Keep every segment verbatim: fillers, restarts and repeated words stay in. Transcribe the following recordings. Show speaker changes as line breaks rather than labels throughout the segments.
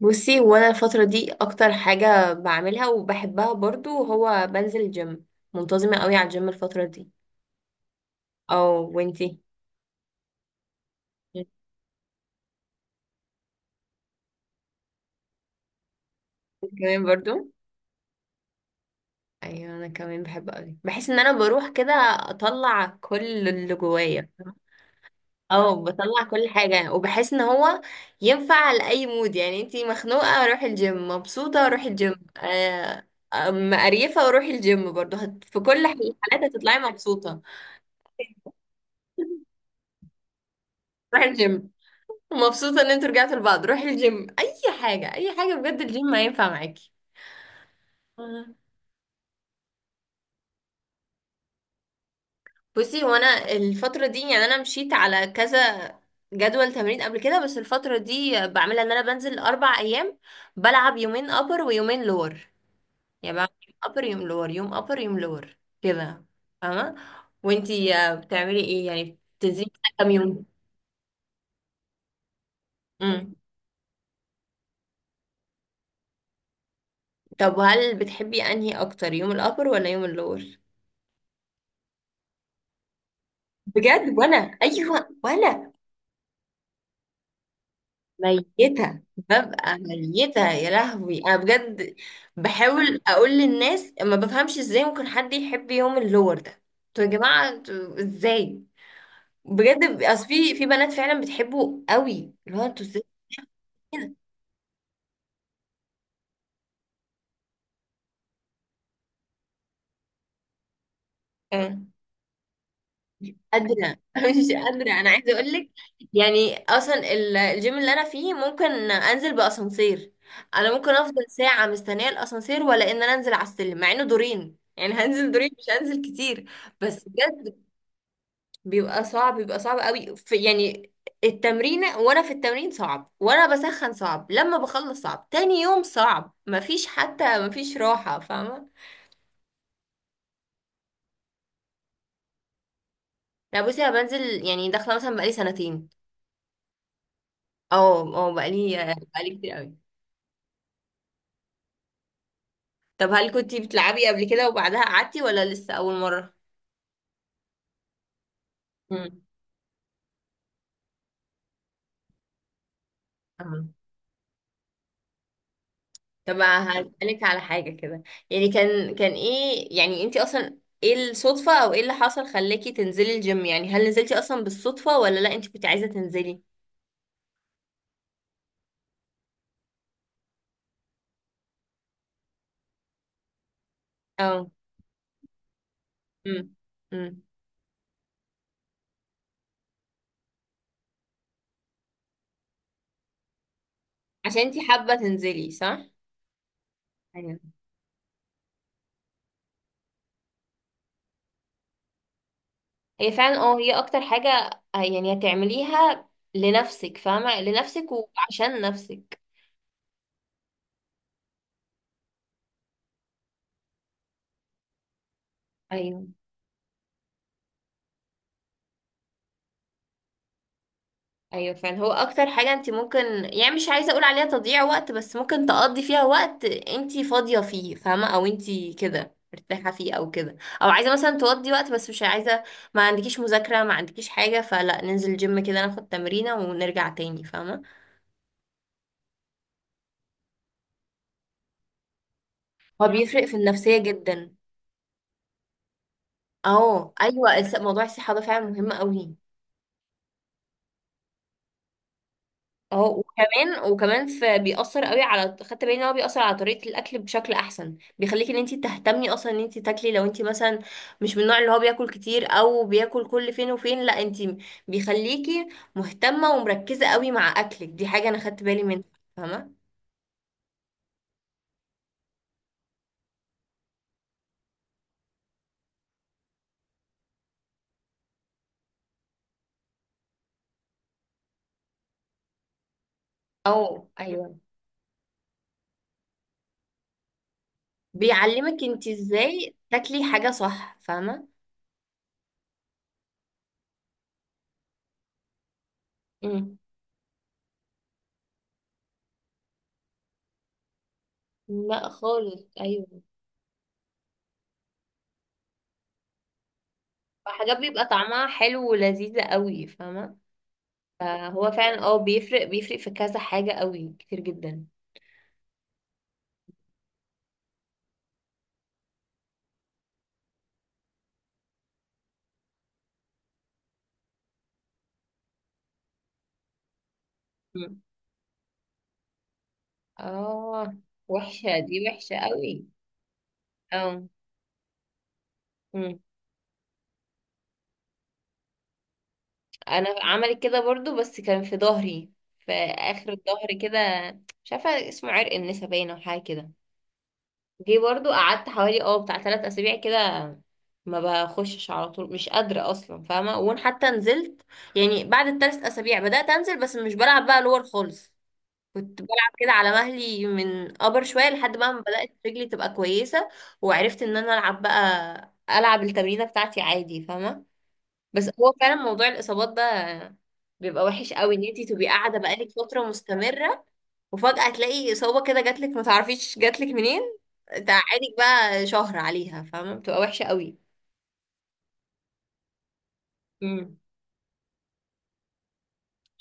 بصي، وانا الفترة دي اكتر حاجة بعملها وبحبها برضو هو بنزل جيم. منتظمة قوي على الجيم الفترة دي. او، وانتي كمان برضو. ايوه انا كمان بحب قوي، بحس ان انا بروح كده اطلع كل اللي جوايا، او بطلع كل حاجة وبحس ان هو ينفع لأي مود. يعني انتي مخنوقة روحي الجيم، مبسوطة روحي الجيم، آه، أم- قريفة وروحي الجيم برضو هت... في كل الحالات هتطلعي مبسوطة. روحي الجيم، مبسوطة ان انتوا رجعتوا لبعض، روحي الجيم، اي حاجة، اي حاجة بجد الجيم هينفع معاكي. مم. بصي، هو انا الفترة دي يعني انا مشيت على كذا جدول تمرين قبل كده، بس الفترة دي بعملها ان انا بنزل اربع ايام. بلعب يومين ابر ويومين لور. يعني بعمل يوم ابر يوم لور يوم ابر يوم لور كده، فاهمة. وانتي آه، بتعملي ايه؟ يعني بتنزلي كده كام يوم؟ امم طب هل بتحبي انهي اكتر، يوم الابر ولا يوم اللور؟ بجد؟ وانا، ايوه وانا ميتة، ببقى ميتة يا لهوي أنا بجد. بحاول أقول للناس ما بفهمش إزاي ممكن حد يحب يوم اللور ده. انتوا يا جماعة انتوا إزاي؟ بجد أصل في في بنات فعلا بتحبه قوي، اللي هو انتوا إزاي كده؟ أنا مش قادرة مش قادرة، أنا عايزة أقول لك، يعني أصلا ال- الجيم اللي أنا فيه ممكن أنزل بأسانسير. أنا ممكن أفضل ساعة مستنية الأسانسير ولا إن أنا أنزل على السلم، مع إنه دورين، يعني هنزل دورين مش هنزل كتير. بس بجد بيبقى صعب، بيبقى صعب قوي في يعني التمرين. وانا في التمرين صعب، وانا بسخن صعب، لما بخلص صعب، تاني يوم صعب، مفيش حتى مفيش راحة، فاهمة. لا بصي، انا بنزل يعني داخلة مثلا بقالي سنتين. اه، اه بقالي، بقالي كتير قوي. طب هل كنتي بتلعبي قبل كده وبعدها قعدتي ولا لسه اول مرة؟ امم طب هسألك على حاجة كده. يعني كان كان ايه، يعني انتي اصلا ايه الصدفة او ايه اللي حصل خلاكي تنزلي الجيم؟ يعني هل نزلتي اصلا بالصدفة ولا لا، انتي كنت عايزة تنزلي؟ اه. امم امم عشان انتي حابة تنزلي، صح. ايوه، هي فعلا، اه هي اكتر حاجة. آه، يعني هتعمليها لنفسك، فاهمة، لنفسك وعشان نفسك. ايوه، ايوه فعلا هو اكتر حاجه انت ممكن، يعني مش عايزه اقول عليها تضييع وقت بس ممكن تقضي فيها وقت انت فاضيه فيه، فاهمه، او انت كده مرتاحه فيه او كده، او عايزه مثلا تقضي وقت بس مش عايزه، ما عندكيش مذاكره ما عندكيش حاجه، فلا ننزل جيم كده ناخد تمرينه ونرجع تاني، فاهمه. هو بيفرق في النفسيه جدا. اه ايوه، الس- موضوع الصحه ده فعلا مهم قوي. اه، وكمان وكمان في بيأثر قوي، على خدت بالي ان هو بيأثر على طريقة الأكل بشكل أحسن. بيخليكي ان انت تهتمي اصلا ان انت تاكلي، لو انت مثلا مش من النوع اللي هو بياكل كتير او بياكل كل فين وفين، لا انت بيخليكي مهتمة ومركزة قوي مع أكلك. دي حاجة انا خدت بالي منها، فاهمة. او ايوه، بيعلمك انت ازاي تاكلي حاجة صح، فاهمة. امم لا خالص، ايوه، حاجات بيبقى طعمها حلو ولذيذة قوي، فاهمة. فهو فعلا، اه بيفرق بيفرق في كذا حاجة قوي كتير جدا. مم. اه، وحشة دي، وحشة قوي. اه. مم. انا عملت كده برضو، بس كان في ظهري، في اخر الظهر كده. مش عارفة اسمه عرق النسا باينة او حاجة كده. جه برضو، قعدت حوالي اه بتاع ثلاث اسابيع كده، ما بخشش على طول، مش قادرة اصلا، فاهمة. وان حتى نزلت يعني بعد الثلاث اسابيع بدأت انزل، بس مش بلعب بقى لور خالص. كنت بلعب كده على مهلي من ابر شوية، لحد بقى ما بدأت رجلي تبقى كويسة، وعرفت ان انا العب بقى، العب التمرينة بتاعتي عادي، فاهمة. بس هو فعلا موضوع الاصابات ده بيبقى وحش قوي، ان انتي تبقي قاعده بقالك فتره مستمره، وفجاه تلاقي اصابه كده جاتلك ما تعرفيش جاتلك منين. تعاني بقى شهر عليها، فاهمة، بتبقى وحشة قوي. مم.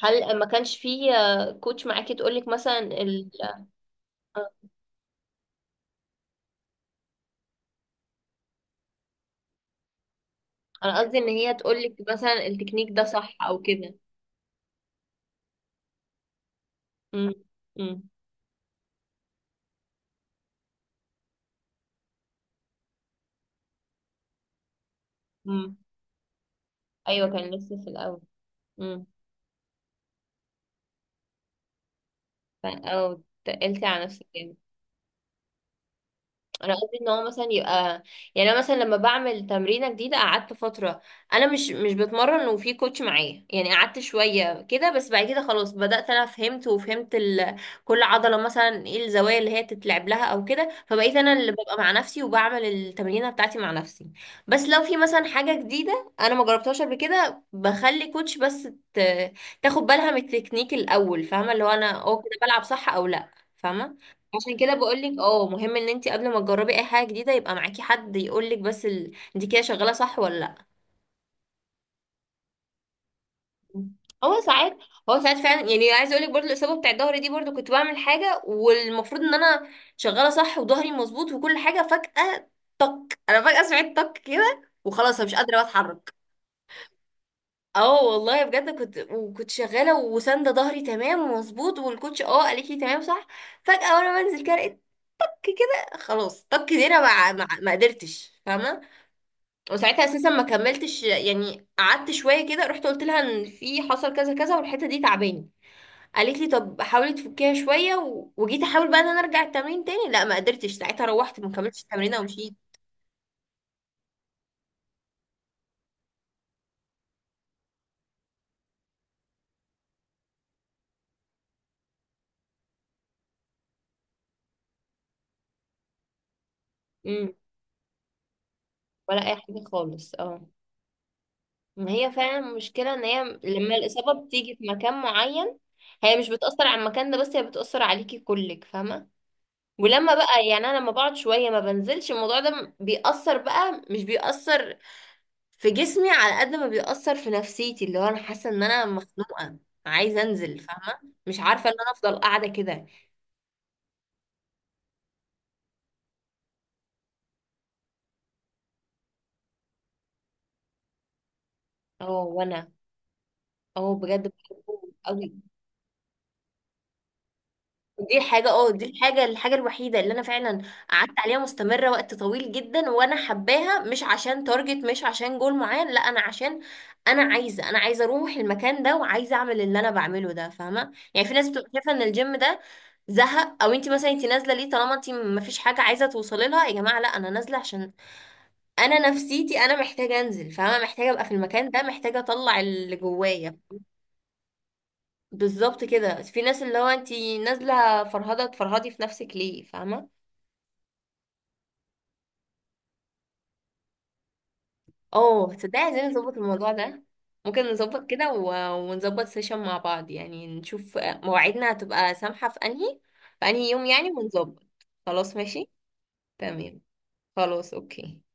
هل ما كانش في آه، كوتش معاكي تقولك مثلا ال... آه، انا قصدي ان هي تقولك مثلا التكنيك ده صح او كده. مم. مم. مم. ايوه كان لسه في الاول. امم او تقلتي على نفسك يعني. انا قصدي ان هو مثلا يبقى، يعني انا مثلا لما بعمل تمرينه جديده قعدت فتره انا مش مش بتمرن وفي كوتش معايا، يعني قعدت شويه كده، بس بعد كده خلاص بدات انا فهمت، وفهمت ال... كل عضله مثلا ايه الزوايا اللي هي تتلعب لها او كده. فبقيت انا اللي ببقى مع نفسي وبعمل التمرينه بتاعتي مع نفسي، بس لو في مثلا حاجه جديده انا ما جربتهاش قبل كده بخلي كوتش بس ت... تاخد بالها من التكنيك الاول، فاهمه، اللي هو انا اه كده بلعب صح او لا، فاهمه. عشان كده بقولك، اه مهم ان انت قبل ما تجربي اي حاجه جديده يبقى معاكي حد يقولك بس ال... انت كده شغاله صح ولا لا. هو ساعات هو ساعات فعلا، يعني عايزه اقولك برضو الاصابه بتاع ظهري دي برضو كنت بعمل حاجه والمفروض ان انا شغاله صح وظهري مظبوط وكل حاجه، فجاه طك، انا فجاه سمعت طك كده وخلاص انا مش قادره اتحرك. اه والله بجد، كنت وكنت شغاله وساندة ظهري تمام ومظبوط، والكوتش اه قالت لي تمام صح. فجاه وانا بنزل كده لقيت طك كده، خلاص طك دي انا ما ما ما قدرتش، فاهمه. وساعتها اساسا ما كملتش، يعني قعدت شويه كده، رحت قلت لها ان في حصل كذا كذا والحته دي تعباني. قالت لي طب حاولي تفكيها شويه و... وجيت احاول بقى ان انا ارجع التمرين تاني، لا ما قدرتش، ساعتها روحت ما كملتش التمرين ومشيت. امم ولا اي حاجه خالص، اه. ما هي فعلا المشكله، ان هي لما الاصابه بتيجي في مكان معين، هي مش بتأثر على المكان ده بس، هي بتأثر عليكي كلك، فاهمة. ولما بقى يعني أنا لما بقعد شوية ما بنزلش، الموضوع ده بيأثر بقى، مش بيأثر في جسمي على قد ما بيأثر في نفسيتي، اللي هو انا حاسه ان انا مخنوقه، عايزه انزل، فاهمه، مش عارفه ان انا افضل قاعده كده. اه، وانا اه بجد بحبه قوي. دي حاجة، اه دي الحاجة الحاجة الوحيدة اللي انا فعلا قعدت عليها مستمرة وقت طويل جدا، وانا حباها مش عشان تارجت، مش عشان جول معين، لا انا عشان انا عايزة انا عايزة اروح المكان ده وعايزة اعمل اللي انا بعمله ده، فاهمة. يعني في ناس بتبقى شايفة ان الجيم ده زهق، او انت مثلا انت نازلة ليه، طالما انت مفيش حاجة عايزة توصلي لها. يا جماعة لا، انا نازلة عشان انا نفسيتي، انا محتاجة انزل، فاهمة، محتاجة ابقى في المكان ده، محتاجة اطلع اللي جوايا. بالظبط كده، في ناس اللي هو انت نازلة فرهضة تفرهدي في نفسك ليه، فاهمة. اه، تصدقي عايزين نظبط الموضوع ده. ممكن نظبط كده و- ونظبط سيشن مع بعض، يعني نشوف مواعيدنا هتبقى سامحة في انهي، في انهي يوم يعني ونظبط. خلاص ماشي، تمام. خلاص اوكي.